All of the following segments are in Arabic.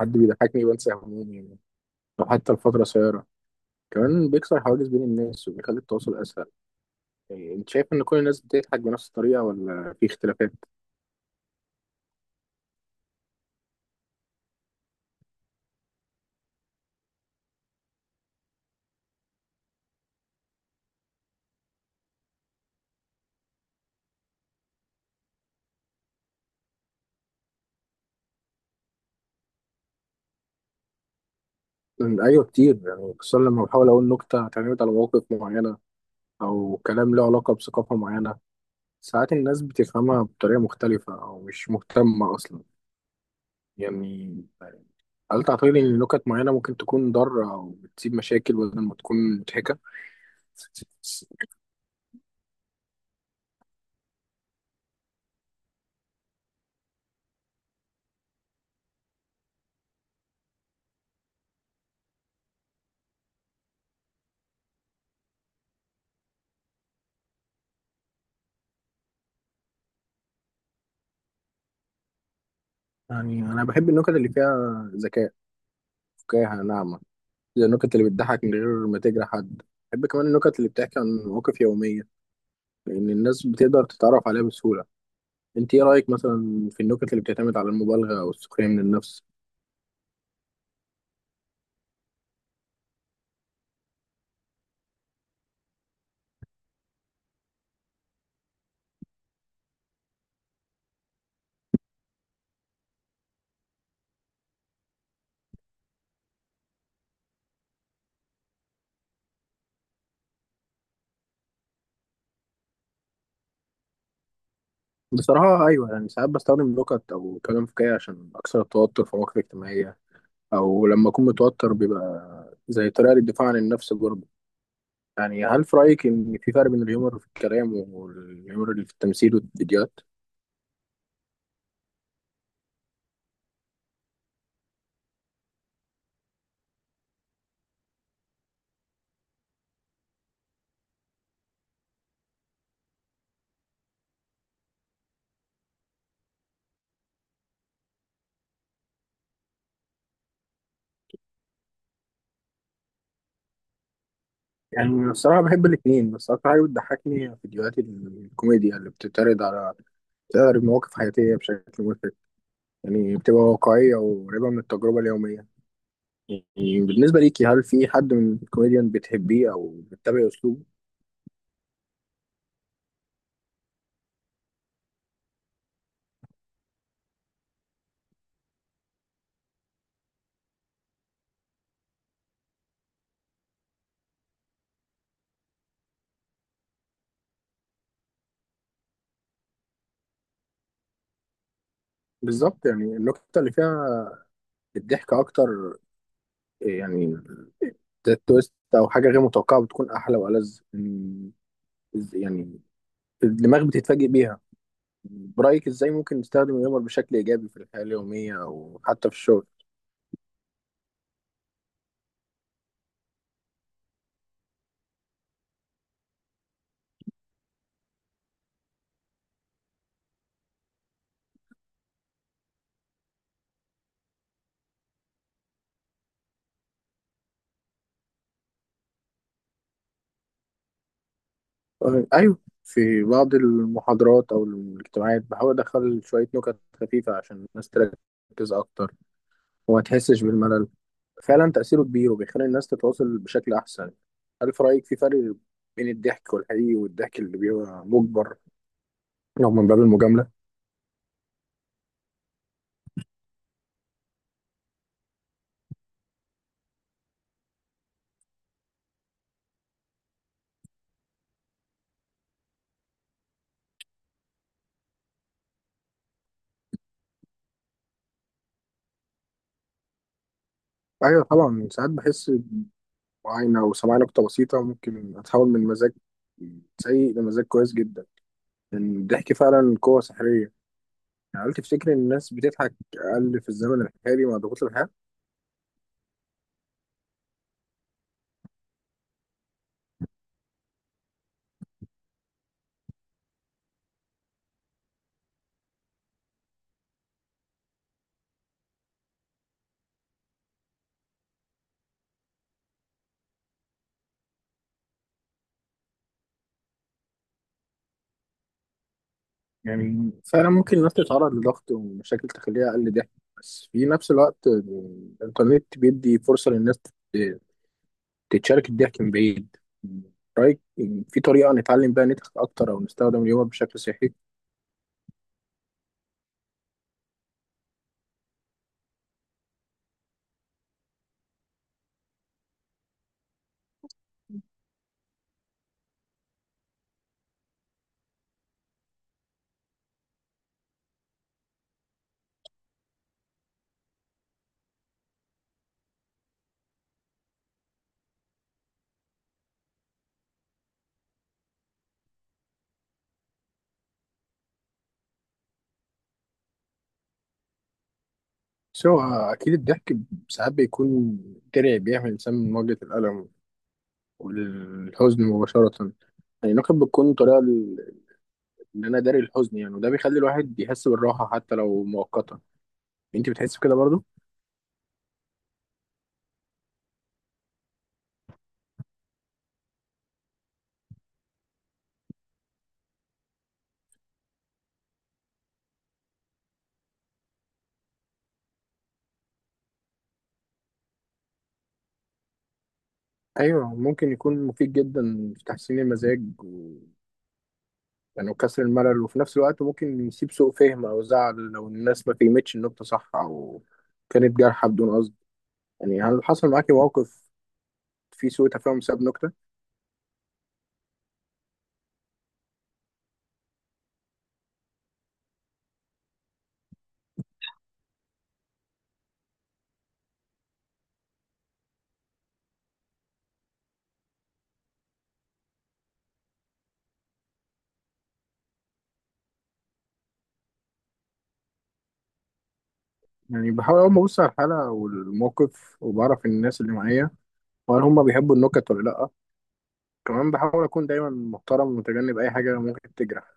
حد بيضحكني بنسى همومي يعني، أو حتى الفترة قصيرة. كمان بيكسر حواجز بين الناس وبيخلي التواصل أسهل. إيه، أنت شايف إن كل الناس بتضحك بنفس الطريقة ولا في اختلافات؟ أيوه كتير يعني، خصوصا لما بحاول أقول نكتة هتعتمد على مواقف معينة أو كلام له علاقة بثقافة معينة. ساعات الناس بتفهمها بطريقة مختلفة أو مش مهتمة أصلا يعني. هل تعتقد إن نكت معينة ممكن تكون ضارة أو بتسيب مشاكل بدل ما تكون مضحكة؟ يعني أنا بحب النكت اللي فيها ذكاء، فكاهة ناعمة، النكت اللي بتضحك من غير ما تجرح حد. بحب كمان النكت اللي بتحكي عن مواقف يومية لأن الناس بتقدر تتعرف عليها بسهولة. انت ايه رأيك مثلا في النكت اللي بتعتمد على المبالغة أو السخرية من النفس؟ بصراحة أيوة، يعني ساعات بستخدم نكت أو كلام فكاهي عشان أكسر التوتر في مواقف اجتماعية، أو لما أكون متوتر بيبقى زي طريقة للدفاع عن النفس برضه. يعني هل في رأيك إن في فرق بين الهيومر في الكلام والهيومر اللي في التمثيل والفيديوهات؟ يعني الصراحة بحب الاتنين، بس أكتر حاجة بتضحكني هي فيديوهات الكوميديا اللي بتتعرض على، بتعرض مواقف حياتية بشكل مضحك. يعني بتبقى واقعية وقريبة من التجربة اليومية. يعني بالنسبة ليكي هل في حد من الكوميديان بتحبيه أو بتتابعي أسلوبه؟ بالظبط، يعني النقطة اللي فيها الضحك أكتر، يعني ده التويست أو حاجة غير متوقعة بتكون أحلى وألذ إن- يعني الدماغ بتتفاجئ بيها. برأيك إزاي ممكن نستخدم الهيومر بشكل إيجابي في الحياة اليومية أو حتى في الشغل؟ ايوه، في بعض المحاضرات او الاجتماعات بحاول ادخل شويه نكت خفيفه عشان الناس تركز اكتر وما تحسش بالملل. فعلا تاثيره كبير وبيخلي الناس تتواصل بشكل احسن. هل في رايك في فرق بين الضحك والحقيقي والضحك اللي بيبقى مجبر لو من باب المجامله؟ ايوه طبعا، ساعات بحس بعاينه او سمعت نكته بسيطه ممكن اتحول من مزاج سيء لمزاج كويس جدا، لان الضحك فعلا قوه سحريه. يعني هل تفتكر ان الناس بتضحك اقل في الزمن الحالي مع ضغوط الحياه؟ يعني فعلا ممكن الناس تتعرض لضغط ومشاكل تخليها أقل ضحك، بس في نفس الوقت الإنترنت بيدي فرصة للناس تت- تتشارك الضحك من بعيد. رأيك في طريقة نتعلم بيها نضحك أكتر أو نستخدم اليوم بشكل صحي؟ سواء أكيد الضحك ساعات بيكون درع بيحمي الإنسان من مواجهة الألم والحزن مباشرة. يعني النقد بتكون طريقة ل- إن أنا داري الحزن يعني، وده بيخلي الواحد يحس بالراحة حتى لو مؤقتا. أنت بتحس بكده برضه؟ ايوه ممكن يكون مفيد جدا في تحسين المزاج و... يعني وكسر الملل، وفي نفس الوقت ممكن يسيب سوء فهم او زعل لو الناس ما فهمتش النقطه صح او كانت جارحه بدون قصد. يعني هل حصل معاكي موقف فيه سوء تفاهم بسبب نكته؟ يعني بحاول اول ما ابص على الحاله والموقف وبعرف الناس اللي معايا وهل هم بيحبوا النكت ولا لا. كمان بحاول اكون دايما محترم ومتجنب اي حاجه ممكن تجرح.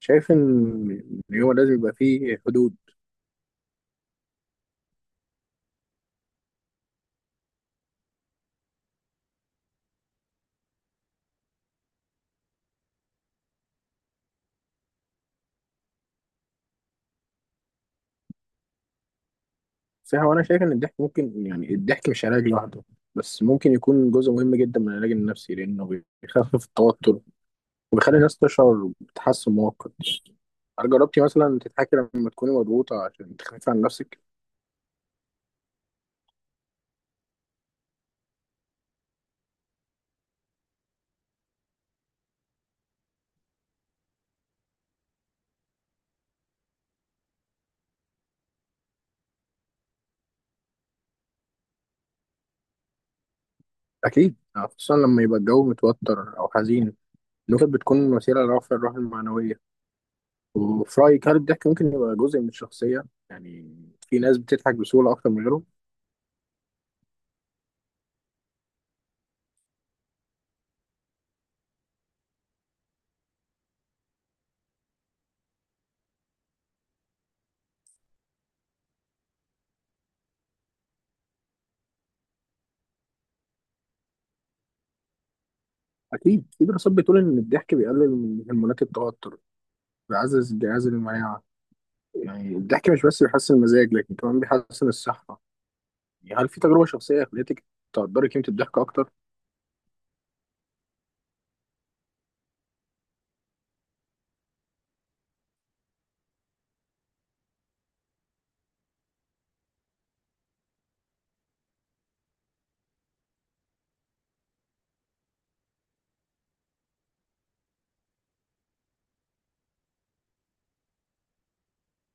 شايف ان إن هو لازم يبقى فيه حدود. صح، هو انا شايف ان الضحك ممكن، يعني الضحك مش علاج لوحده، بس ممكن يكون جزء مهم جدا من العلاج النفسي لانه بيخفف التوتر وبيخلي الناس تشعر بتحسن مؤقت. هل جربتي مثلا تضحكي لما تكوني مضغوطة عشان تخففي عن نفسك؟ أكيد، يعني خصوصا لما يبقى الجو متوتر أو حزين، النكت بتكون وسيلة لرفع الروح المعنوية. وفي رأيك هل الضحك ممكن يبقى جزء من الشخصية؟ يعني في ناس بتضحك بسهولة أكتر من غيرهم؟ أكيد، في دراسات بتقول إن الضحك بيقلل من هرمونات التوتر، بيعزز الجهاز المناعة. يعني الضحك مش بس بيحسن المزاج لكن كمان بيحسن الصحة. يعني هل في تجربة شخصية خلتك تقدري قيمة الضحك أكتر؟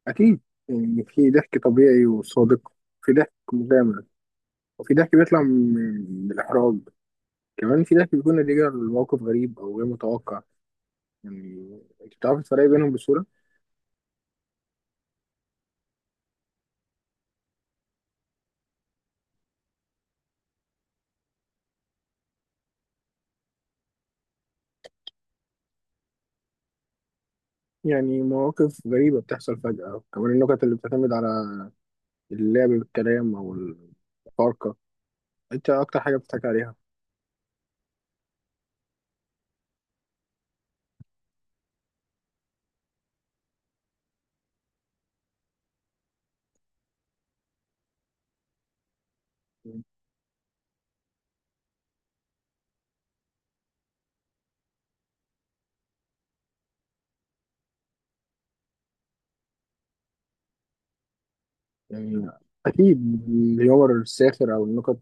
أكيد، يعني في ضحك طبيعي وصادق، في ضحك مغامر، وفي ضحك بيطلع من من الإحراج. كمان في ضحك بيكون نتيجة لموقف غريب أو غير متوقع. يعني أنت بتعرفي تفرقي بينهم بسهولة؟ يعني مواقف غريبة بتحصل فجأة، كمان النكت اللي بتعتمد على اللعب بالكلام أو الفارقة. أنت أكتر حاجة بتضحك عليها؟ يعني أكيد الهيومر الساخر أو النكت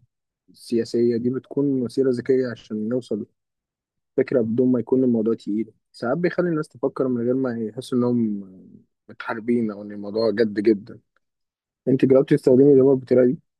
السياسية دي بتكون وسيلة ذكية عشان نوصل فكرة بدون ما يكون الموضوع تقيل. ساعات بيخلي الناس تفكر من غير ما يحسوا إنهم متحاربين أو إن الموضوع جد جدا. أنت جربتي تستخدمي الهيومر بالطريقة دي؟